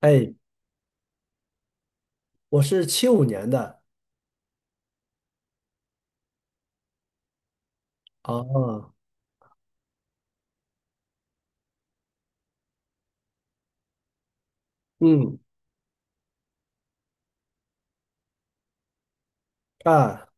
哎，我是75年的。哦，嗯，啊，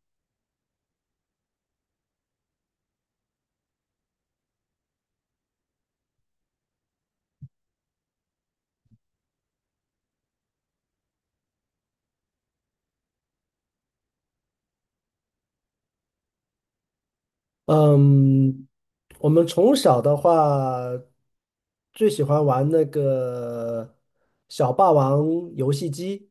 嗯，我们从小的话，最喜欢玩那个小霸王游戏机。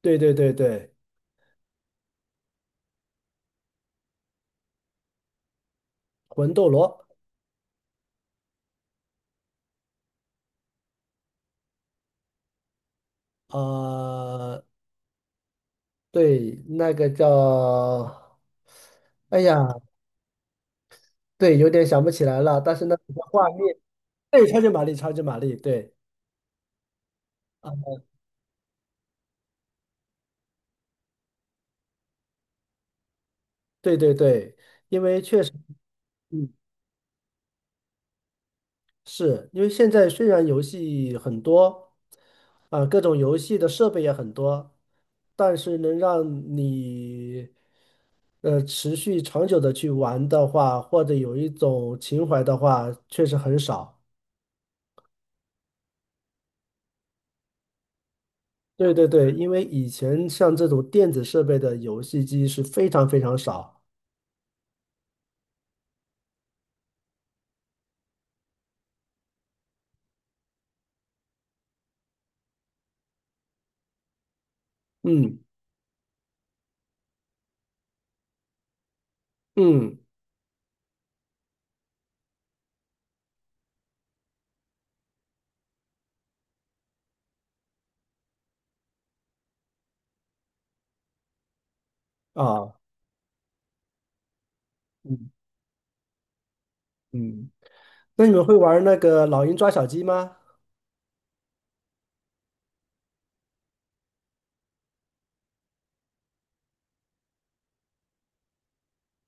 对对对对，魂斗罗。啊，对，那个叫，哎呀，对，有点想不起来了，但是那个画面，对，超级玛丽，超级玛丽，对。啊，对对对，因为确实。嗯。是因为现在虽然游戏很多，啊，各种游戏的设备也很多，但是能让你持续长久的去玩的话，或者有一种情怀的话，确实很少。对对对，因为以前像这种电子设备的游戏机是非常非常少。嗯嗯，啊，嗯嗯，那你们会玩那个老鹰抓小鸡吗？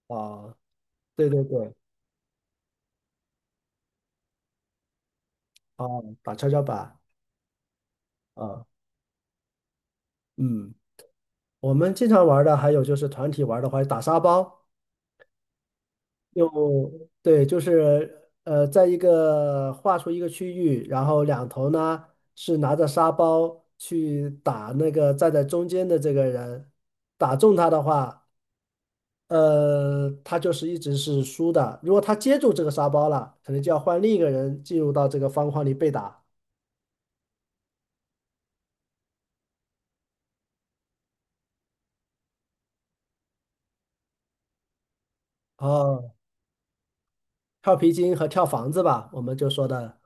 啊，对对对。啊，打跷跷板。啊，嗯。我们经常玩儿的还有就是团体玩儿的话，打沙包，用，对，就是在一个画出一个区域，然后两头呢是拿着沙包去打那个站在中间的这个人，打中他的话，他就是一直是输的。如果他接住这个沙包了，可能就要换另一个人进入到这个方框里被打。哦，跳皮筋和跳房子吧，我们就说的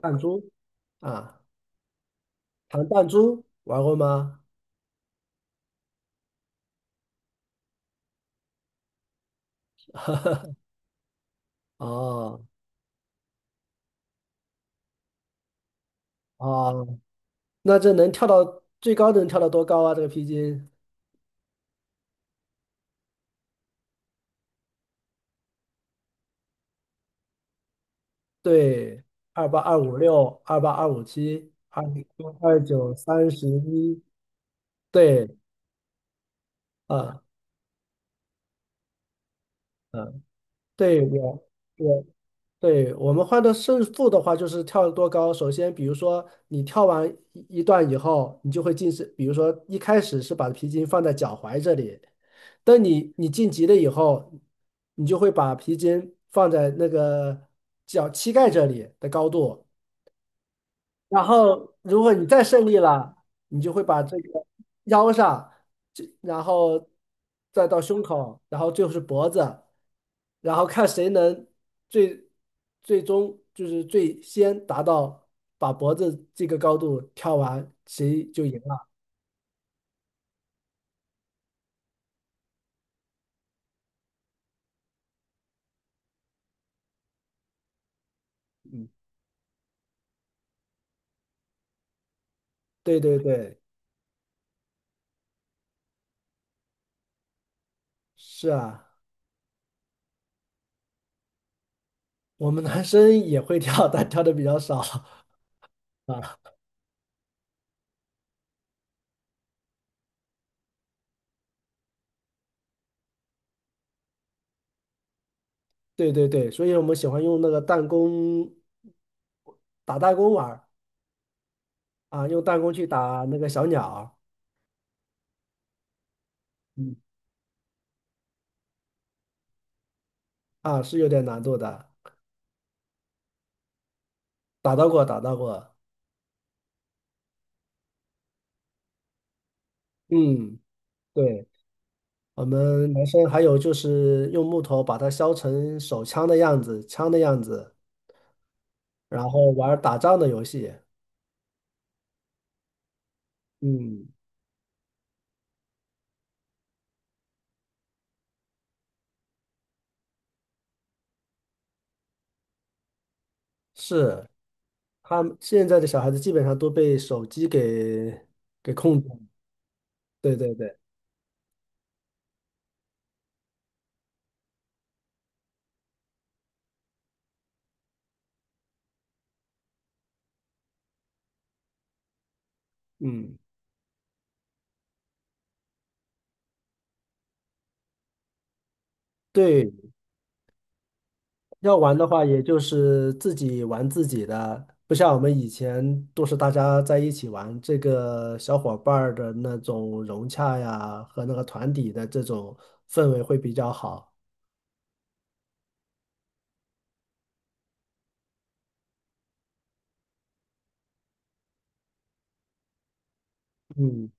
弹珠。啊，弹弹珠玩过吗？哦哦，那这能跳到最高能跳到多高啊？这个皮筋，对，二八二五六、二八二五七、二二九、三十一。对，啊啊，对我对，我们换的胜负的话，就是跳得多高。首先，比如说你跳完一段以后，你就会进是，比如说一开始是把皮筋放在脚踝这里，等你晋级了以后，你就会把皮筋放在那个脚膝盖这里的高度。然后如果你再胜利了，你就会把这个腰上，然后再到胸口，然后最后是脖子，然后看谁能最最终就是最先达到把脖子这个高度跳完，谁就赢了。嗯，对对对，是啊，我们男生也会跳，但跳的比较少 啊。对对对，所以我们喜欢用那个弹弓打弹弓玩儿。啊，用弹弓去打那个小鸟。嗯，啊，是有点难度的，打到过，打到过。嗯，对，我们男生还有就是用木头把它削成手枪的样子，枪的样子，然后玩儿打仗的游戏。嗯，是，他们现在的小孩子基本上都被手机给控制了。对对对，嗯，对。要玩的话，也就是自己玩自己的，不像我们以前都是大家在一起玩，这个小伙伴儿的那种融洽呀，和那个团体的这种氛围会比较好。嗯，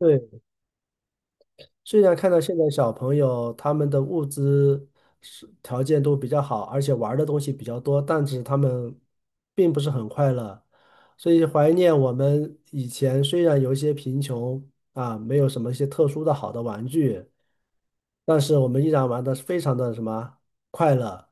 对。虽然看到现在小朋友他们的物资是条件都比较好，而且玩儿的东西比较多，但是他们并不是很快乐，所以怀念我们以前虽然有一些贫穷啊，没有什么一些特殊的好的玩具，但是我们依然玩的非常的什么快乐。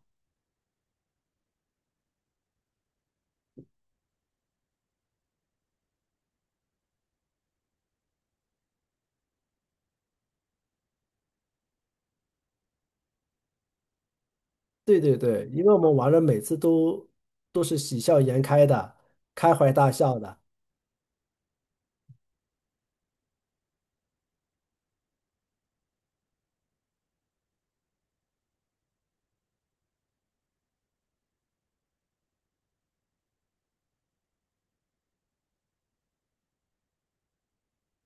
对对对，因为我们玩的每次都是喜笑颜开的，开怀大笑的。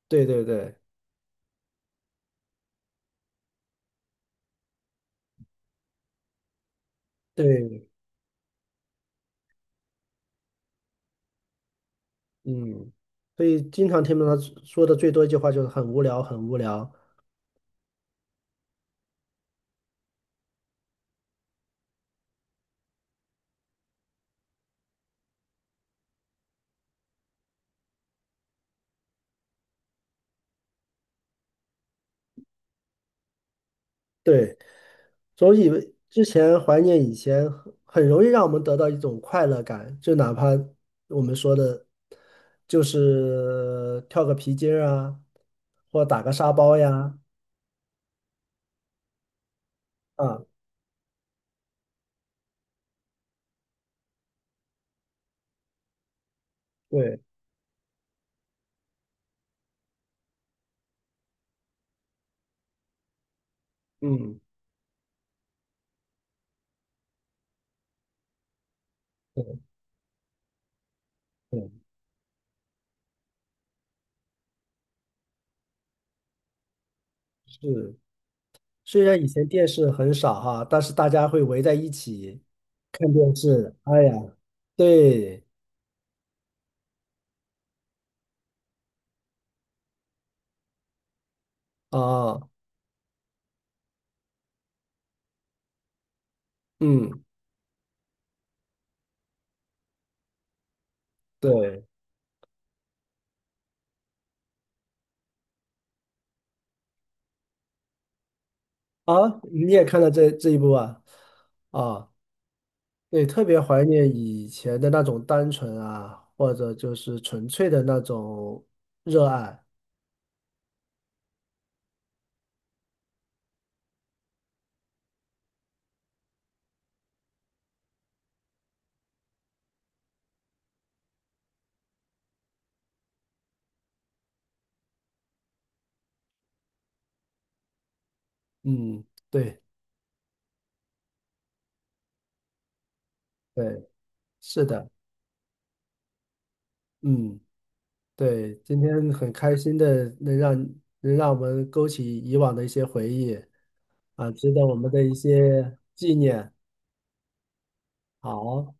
对对对对。嗯，所以经常听到他说的最多一句话就是很无聊，很无聊。对，总以为之前怀念以前，很容易让我们得到一种快乐感，就哪怕我们说的，就是跳个皮筋儿啊，或打个沙包呀，啊，对，嗯，对，对，是。虽然以前电视很少哈，但是大家会围在一起看电视。哎呀，对，啊，嗯，对。啊，你也看到这一步啊？啊，对，特别怀念以前的那种单纯啊，或者就是纯粹的那种热爱。嗯，对对，是的，嗯，对，今天很开心的能让我们勾起以往的一些回忆。啊，值得我们的一些纪念。好，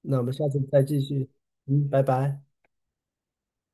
那我们下次再继续。嗯，拜拜。